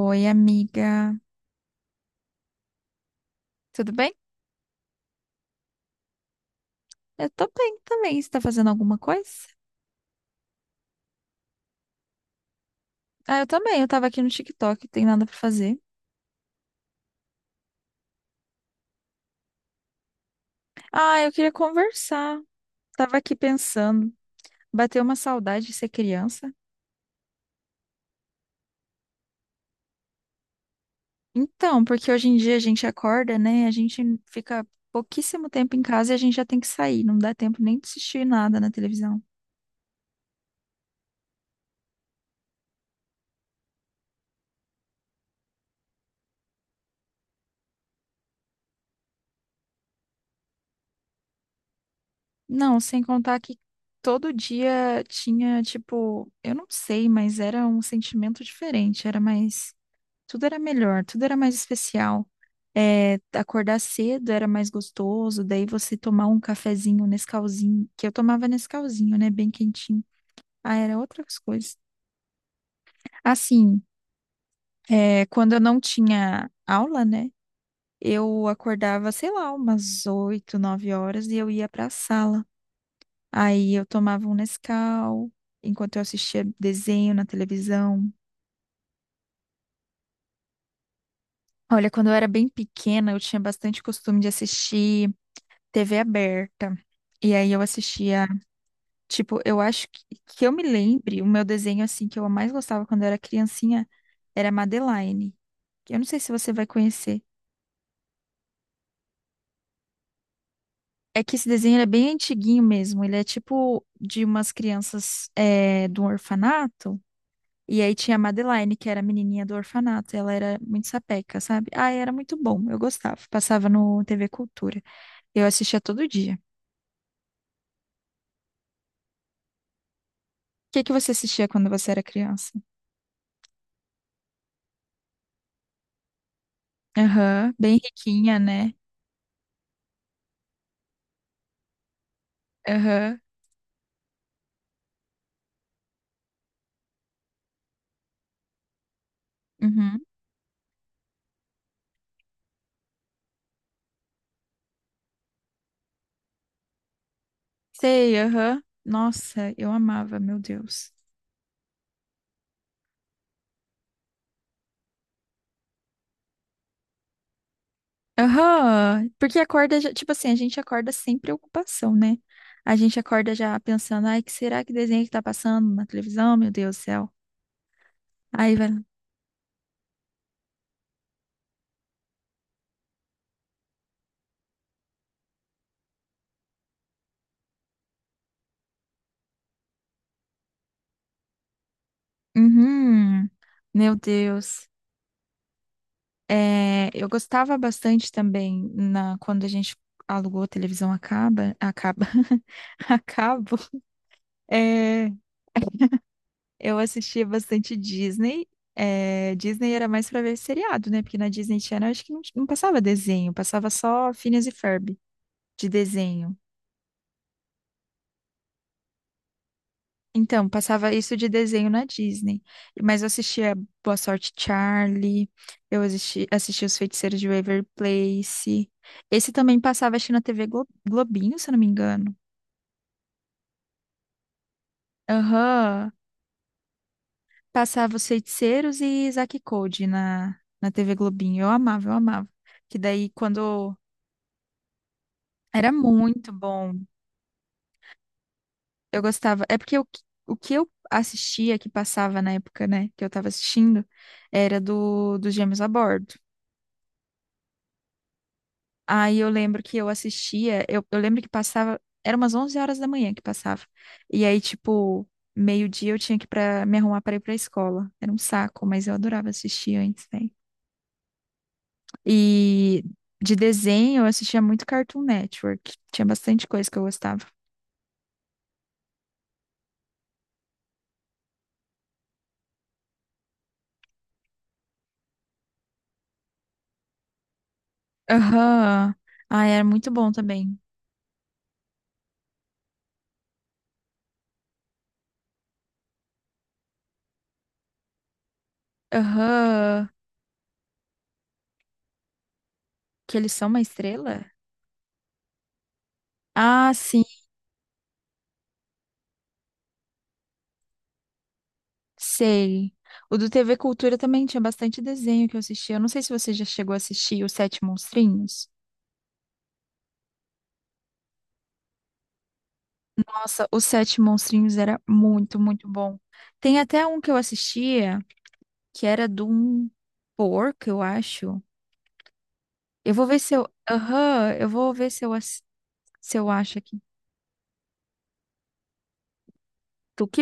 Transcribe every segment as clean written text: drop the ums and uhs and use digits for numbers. Oi, amiga. Tudo bem? Eu tô bem também. Você tá fazendo alguma coisa? Ah, eu também. Eu tava aqui no TikTok, tem nada pra fazer. Ah, eu queria conversar. Tava aqui pensando. Bateu uma saudade de ser criança. Então, porque hoje em dia a gente acorda, né? A gente fica pouquíssimo tempo em casa e a gente já tem que sair. Não dá tempo nem de assistir nada na televisão. Não, sem contar que todo dia tinha, tipo, eu não sei, mas era um sentimento diferente. Era mais. Tudo era melhor, tudo era mais especial. É, acordar cedo era mais gostoso, daí você tomar um cafezinho, um Nescauzinho, que eu tomava Nescauzinho, né, bem quentinho. Ah, era outras coisas. Assim, é, quando eu não tinha aula, né, eu acordava, sei lá, umas 8, 9 horas e eu ia para a sala. Aí eu tomava um Nescau enquanto eu assistia desenho na televisão. Olha, quando eu era bem pequena, eu tinha bastante costume de assistir TV aberta. E aí eu assistia, tipo, eu acho que eu me lembre, o meu desenho assim que eu mais gostava quando eu era criancinha era Madeline. Que Eu não sei se você vai conhecer. É que esse desenho ele é bem antiguinho mesmo. Ele é tipo de umas crianças de um orfanato. E aí tinha a Madeline, que era a menininha do orfanato. Ela era muito sapeca, sabe? Ah, era muito bom. Eu gostava. Passava no TV Cultura. Eu assistia todo dia. O que que você assistia quando você era criança? Aham, bem riquinha, né? Aham, uhum. Sei, aham. Nossa, eu amava, meu Deus. Aham, porque acorda, já, tipo assim, a gente acorda sem preocupação, né? A gente acorda já pensando, ai, que será que desenho que tá passando na televisão, meu Deus do céu. Aí vai. Uhum, meu Deus. É, eu gostava bastante também na, quando a gente alugou a televisão a caba, a cabo. É, Eu assistia bastante Disney. É, Disney era mais pra ver seriado, né? Porque na Disney Channel acho que não passava desenho, passava só Phineas e Ferb de desenho. Então, passava isso de desenho na Disney. Mas eu assistia Boa Sorte Charlie, eu assisti Os Feiticeiros de Waverly Place. Esse também passava, acho que na TV Glo- Globinho, se eu não me engano. Aham. Passava Os Feiticeiros e Zack e Cody na TV Globinho. Eu amava, eu amava. Que daí, quando Era muito bom. Eu gostava. É porque o que eu assistia, que passava na época, né, que eu tava assistindo, era dos Gêmeos a Bordo. Aí eu lembro que eu assistia, eu lembro que passava, era umas 11 horas da manhã que passava. E aí, tipo, meio-dia eu tinha que para me arrumar para ir pra escola. Era um saco, mas eu adorava assistir antes, né? E de desenho eu assistia muito Cartoon Network. Tinha bastante coisa que eu gostava. Aham. Ah, era muito bom também. Aham. Que eles são uma estrela? Ah, sim, sei. O do TV Cultura também tinha bastante desenho que eu assistia. Eu não sei se você já chegou a assistir Os Sete Monstrinhos. Nossa, Os Sete Monstrinhos era muito, muito bom. Tem até um que eu assistia que era de um porco, eu acho. Eu vou ver se eu. Aham, eu vou ver se eu, ass- se eu acho aqui. Tu que.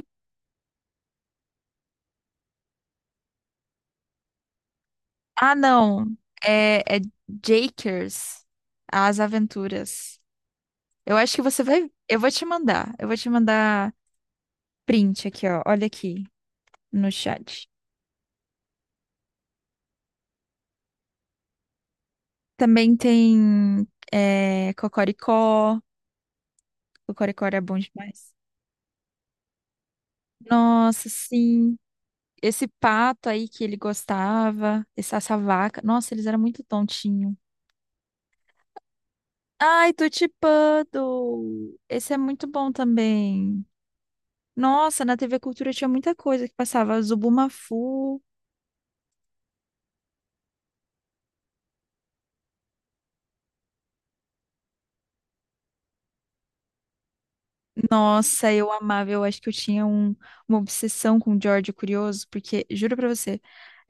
Ah, não. É Jakers, As Aventuras. Eu acho que você vai. Eu vou te mandar. Eu vou te mandar print aqui, ó. Olha aqui no chat. Também tem Cocoricó. Cocoricó era bom demais. Nossa, sim. Esse pato aí que ele gostava, essa vaca. Nossa, eles eram muito tontinho. Ai, Tutipando! Esse é muito bom também. Nossa, na TV Cultura tinha muita coisa que passava. Zubumafu. Nossa, eu amava. Eu acho que eu tinha um, uma obsessão com o George Curioso, porque, juro pra você,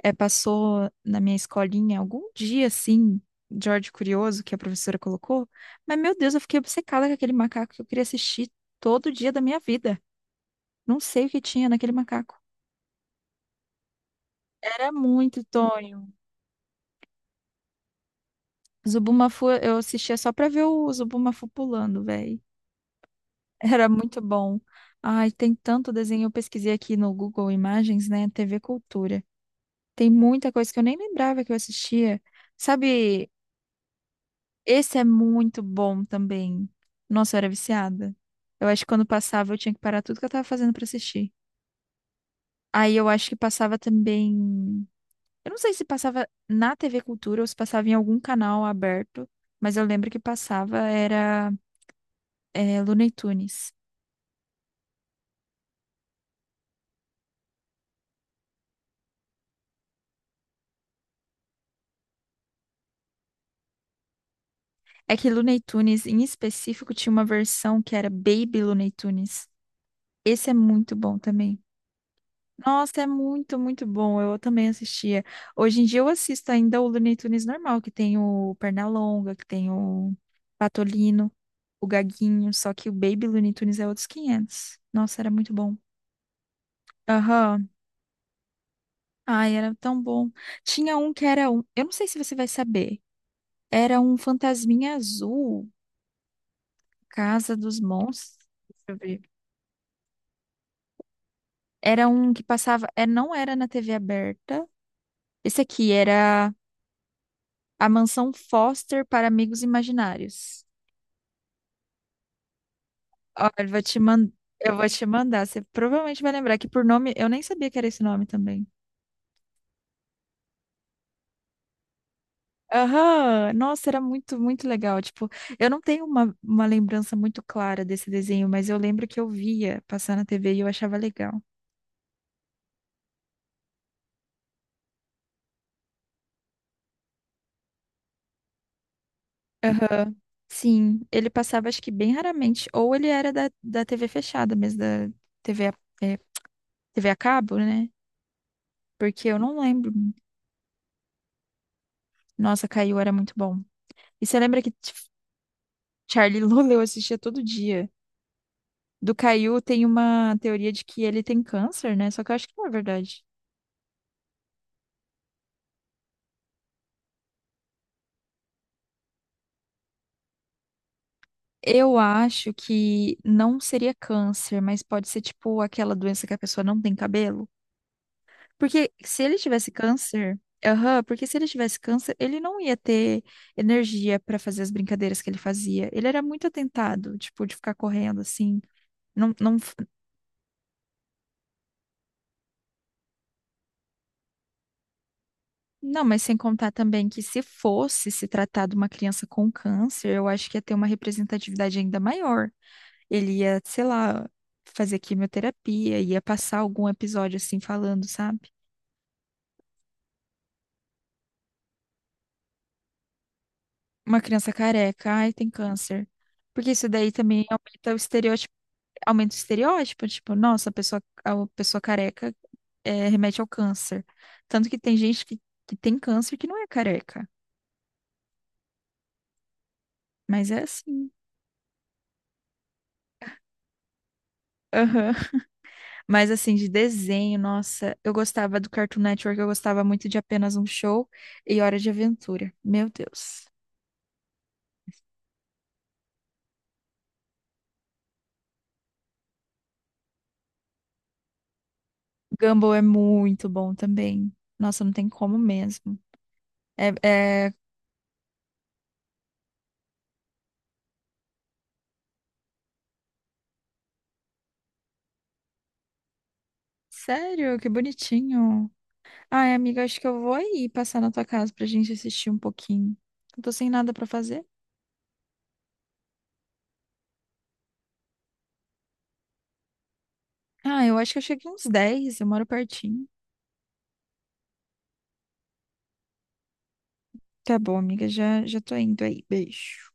É, passou na minha escolinha algum dia assim, George Curioso, que a professora colocou. Mas, meu Deus, eu fiquei obcecada com aquele macaco que eu queria assistir todo dia da minha vida. Não sei o que tinha naquele macaco. Era muito Tonho. Zubumafu, eu assistia só pra ver o Zubumafu pulando, velho. Era muito bom. Ai, tem tanto desenho. Eu pesquisei aqui no Google Imagens, né? TV Cultura. Tem muita coisa que eu nem lembrava que eu assistia. Sabe Esse é muito bom também. Nossa, eu era viciada. Eu acho que quando passava eu tinha que parar tudo que eu tava fazendo pra assistir. Aí eu acho que passava também. Eu não sei se passava na TV Cultura ou se passava em algum canal aberto, mas eu lembro que passava era Looney Tunes. É que Looney Tunes, em específico, tinha uma versão que era Baby Looney Tunes. Esse é muito bom também. Nossa, é muito, muito bom. Eu também assistia. Hoje em dia eu assisto ainda o Looney Tunes normal, que tem o Pernalonga, que tem o Patolino, o Gaguinho, só que o Baby Looney Tunes é outros 500. Nossa, era muito bom. Aham. Ai, era tão bom. Tinha um que era um, eu não sei se você vai saber. Era um fantasminha azul, Casa dos Monstros. Deixa eu ver. Era um que passava, não era na TV aberta. Esse aqui era A Mansão Foster para Amigos Imaginários. Olha, eu vou te mandar. Eu vou te mandar. Você provavelmente vai lembrar que por nome, eu nem sabia que era esse nome também. Aham, Nossa, era muito, muito legal. Tipo, eu não tenho uma lembrança muito clara desse desenho, mas eu lembro que eu via passar na TV e eu achava legal. Aham. Sim, ele passava acho que bem raramente, ou ele era da TV fechada mesmo, da TV a, é, TV a cabo, né? Porque eu não lembro. Nossa, Caiu era muito bom. E você lembra que Charlie Lula eu assistia todo dia. Do Caio tem uma teoria de que ele tem câncer, né? Só que eu acho que não é verdade. Eu acho que não seria câncer, mas pode ser tipo aquela doença que a pessoa não tem cabelo. Porque se ele tivesse câncer, aham, porque se ele tivesse câncer, ele não ia ter energia pra fazer as brincadeiras que ele fazia. Ele era muito atentado, tipo, de ficar correndo assim. Não, não, Não, mas sem contar também que se fosse se tratar de uma criança com câncer, eu acho que ia ter uma representatividade ainda maior. Ele ia, sei lá, fazer quimioterapia, ia passar algum episódio assim falando, sabe? Uma criança careca, ai, tem câncer. Porque isso daí também aumenta o estereótipo, tipo, nossa, a pessoa careca remete ao câncer. Tanto que tem que tem câncer que não é careca, mas é assim. Mas assim, de desenho, nossa, eu gostava do Cartoon Network, eu gostava muito de Apenas um Show e Hora de Aventura. Meu Deus. Gumball é muito bom também. Nossa, não tem como mesmo. É, é- Sério, que bonitinho. Ai, amiga, acho que eu vou aí passar na tua casa pra gente assistir um pouquinho. Eu tô sem nada pra fazer. Ah, eu acho que eu cheguei uns 10, eu moro pertinho. Tá bom, amiga, já tô indo aí. Beijo.